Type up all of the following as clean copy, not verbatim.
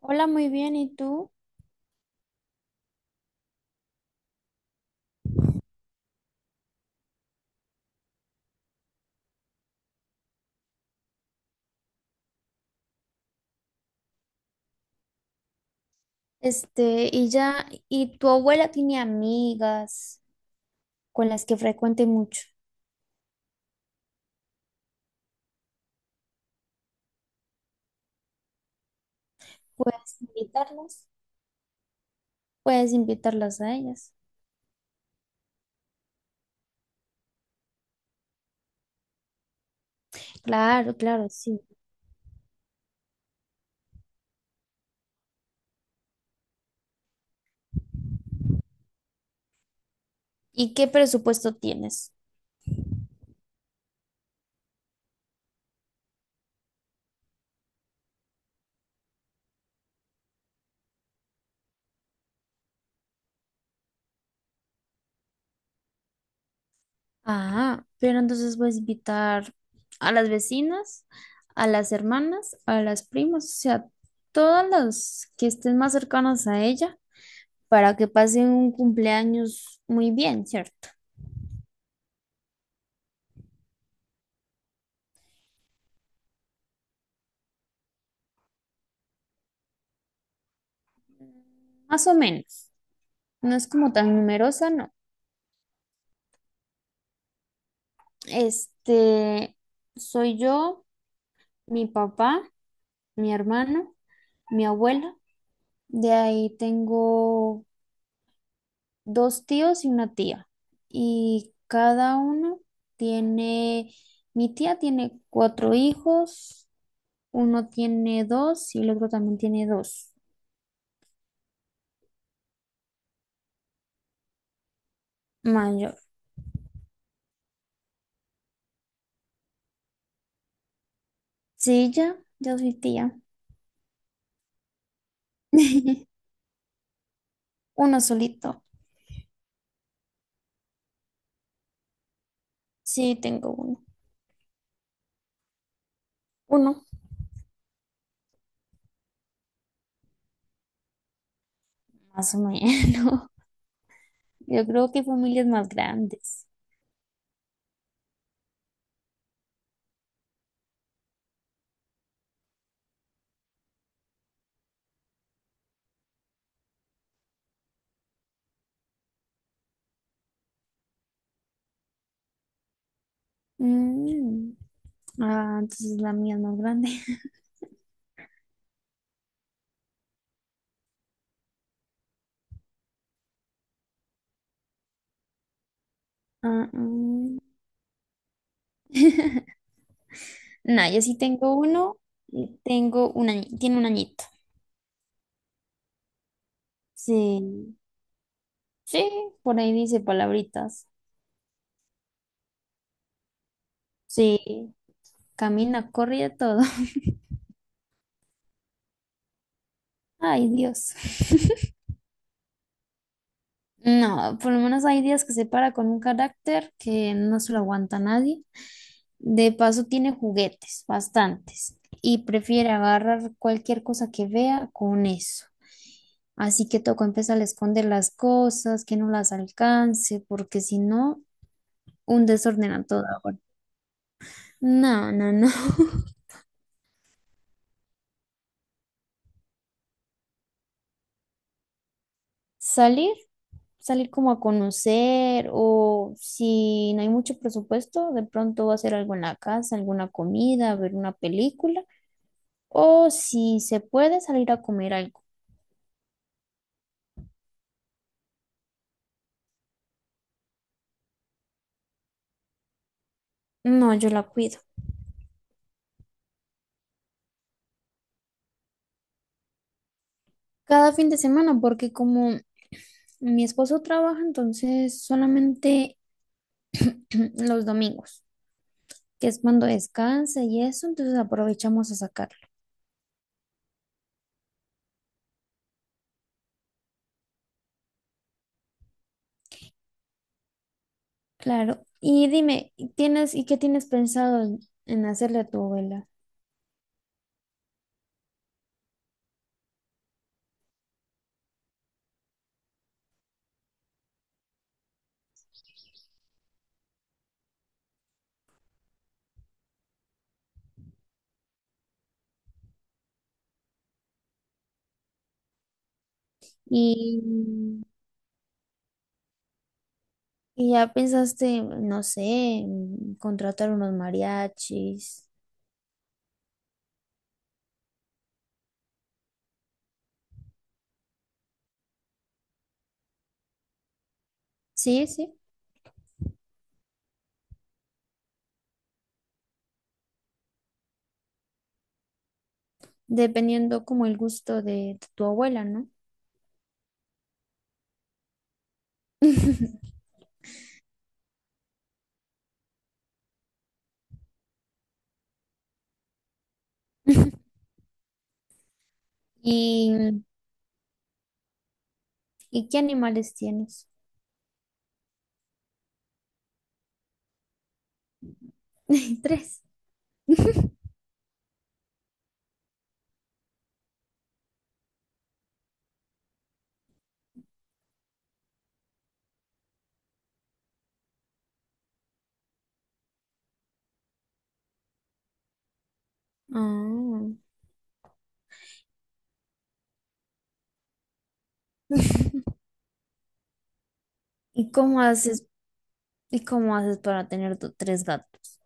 Hola, muy bien, ¿y tú? Y ya, ¿y tu abuela tiene amigas con las que frecuente mucho? ¿Puedes invitarlas? Puedes invitarlas a ellas. Claro, claro, sí. ¿Y qué presupuesto tienes? Ah, pero entonces puedes invitar a las vecinas, a las hermanas, a las primas, o sea, todas las que estén más cercanas a ella para que pasen un cumpleaños muy bien, ¿cierto? Más o menos. No es como tan numerosa, no. Este, Soy yo, mi papá, mi hermano, mi abuela. De ahí tengo dos tíos y una tía. Y cada uno tiene, mi tía tiene cuatro hijos, uno tiene dos y el otro también tiene dos. Mayor. Sí, ya, yo soy tía. Uno solito. Sí, tengo uno. Uno, más o menos. Yo creo que familias más grandes. Mm. Ah, entonces la mía es más grande. Ah, mm. No, yo sí tengo uno. Y tengo un año, tiene un añito. Sí, sí, por ahí dice palabritas. Sí, camina, corre y de todo. Ay, Dios. No, por lo menos hay días que se para con un carácter que no se lo aguanta nadie. De paso tiene juguetes, bastantes, y prefiere agarrar cualquier cosa que vea con eso. Así que toca empezar a esconder las cosas, que no las alcance, porque si no, un desorden a toda hora. No, no, no. Salir, salir como a conocer, o si no hay mucho presupuesto, de pronto va a hacer algo en la casa, alguna comida, ver una película. O si se puede salir a comer algo. No, yo la cuido. Cada fin de semana, porque como mi esposo trabaja, entonces solamente los domingos, que es cuando descansa y eso, entonces aprovechamos a sacarlo. Claro. Y dime, ¿tienes y qué tienes pensado en hacerle a tu abuela? Y, y ya pensaste, no sé, en contratar unos mariachis. Sí, sí, dependiendo como el gusto de tu abuela, ¿no? ¿Y, ¿y qué animales tienes? Tres. Ah. ¿Y cómo haces, y cómo haces para tener tres gatos?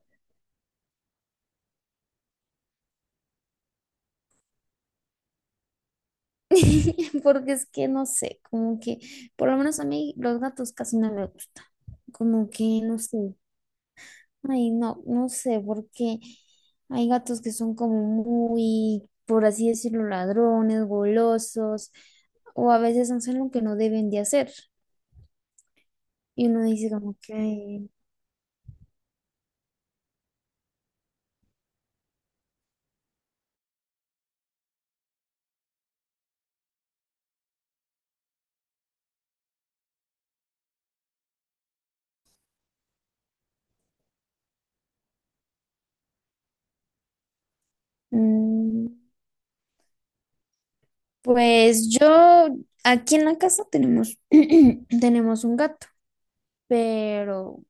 Porque es que no sé, como que, por lo menos a mí los gatos casi no me gustan. Como que, no sé, ay, no, no sé, porque hay gatos que son como muy, por así decirlo, ladrones, golosos, o a veces hacen lo que no deben de hacer. Y uno dice como que, Mm, pues yo, aquí en la casa tenemos, tenemos un gato, pero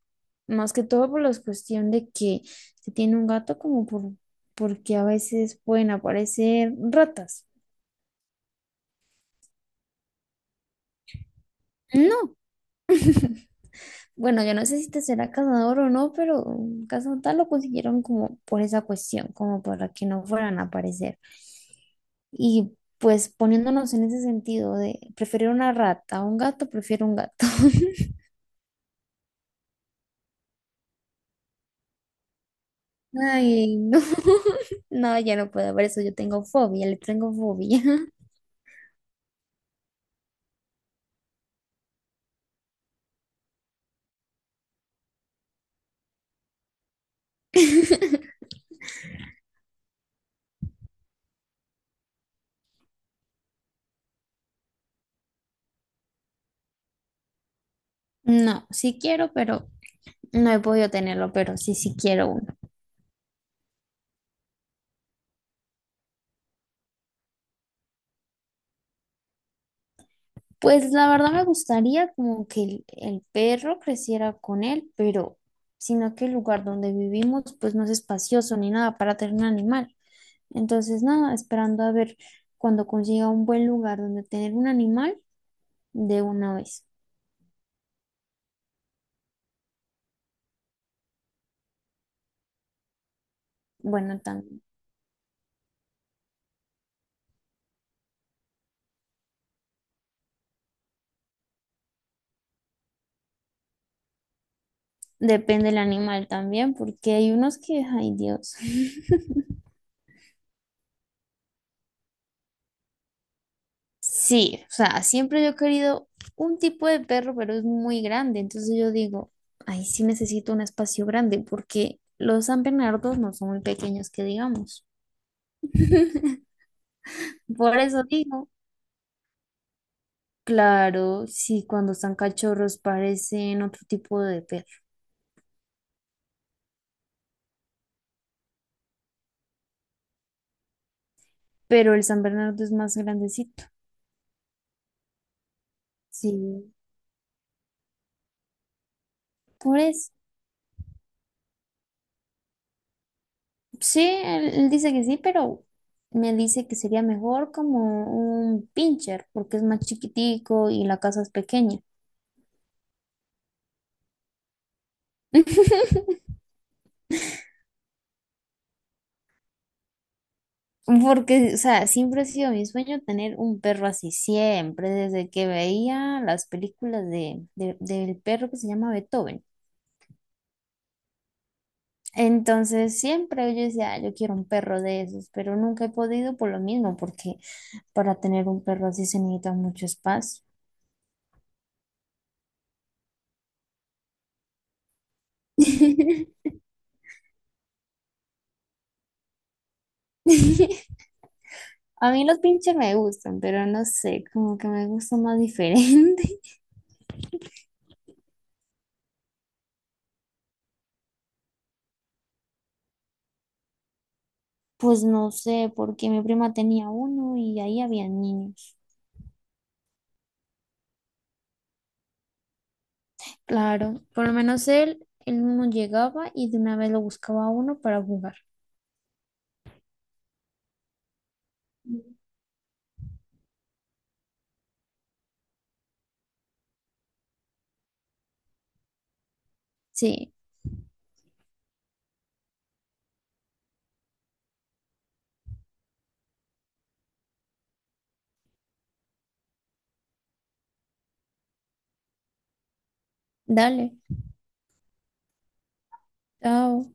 más que todo por la cuestión de que se tiene un gato como porque a veces pueden aparecer ratas. No, bueno, yo no sé si te será cazador o no, pero cazador lo consiguieron como por esa cuestión, como para que no fueran a aparecer. Y pues poniéndonos en ese sentido de preferir una rata a un gato, prefiero un gato. Ay, no, no, ya no puedo ver eso, yo tengo fobia, le tengo fobia. No, sí quiero, pero no he podido tenerlo, pero sí, sí quiero uno. Pues la verdad me gustaría como que el perro creciera con él, pero sino que el lugar donde vivimos pues no es espacioso ni nada para tener un animal. Entonces nada, esperando a ver cuando consiga un buen lugar donde tener un animal de una vez. Bueno, también. Depende del animal también, porque hay unos que, ay, Dios. Sí, o sea, siempre yo he querido un tipo de perro, pero es muy grande. Entonces yo digo, ay, sí necesito un espacio grande, porque los San Bernardos no son muy pequeños, que digamos. Por eso digo, claro, sí, cuando están cachorros parecen otro tipo de perro, pero el San Bernardo es más grandecito. Sí, por eso. Sí, él dice que sí, pero me dice que sería mejor como un pincher, porque es más chiquitico y la casa es pequeña. Porque, o sea, siempre ha sido mi sueño tener un perro así, siempre, desde que veía las películas del perro que se llama Beethoven. Entonces, siempre yo decía, "Ah, yo quiero un perro de esos, pero nunca he podido por lo mismo, porque para tener un perro así se necesita mucho espacio. A mí los pinches me gustan, pero no sé, como que me gusta más diferente. Pues no sé, porque mi prima tenía uno y ahí había niños. Claro, por lo menos él mismo llegaba y de una vez lo buscaba a uno para jugar. Sí, dale, chao.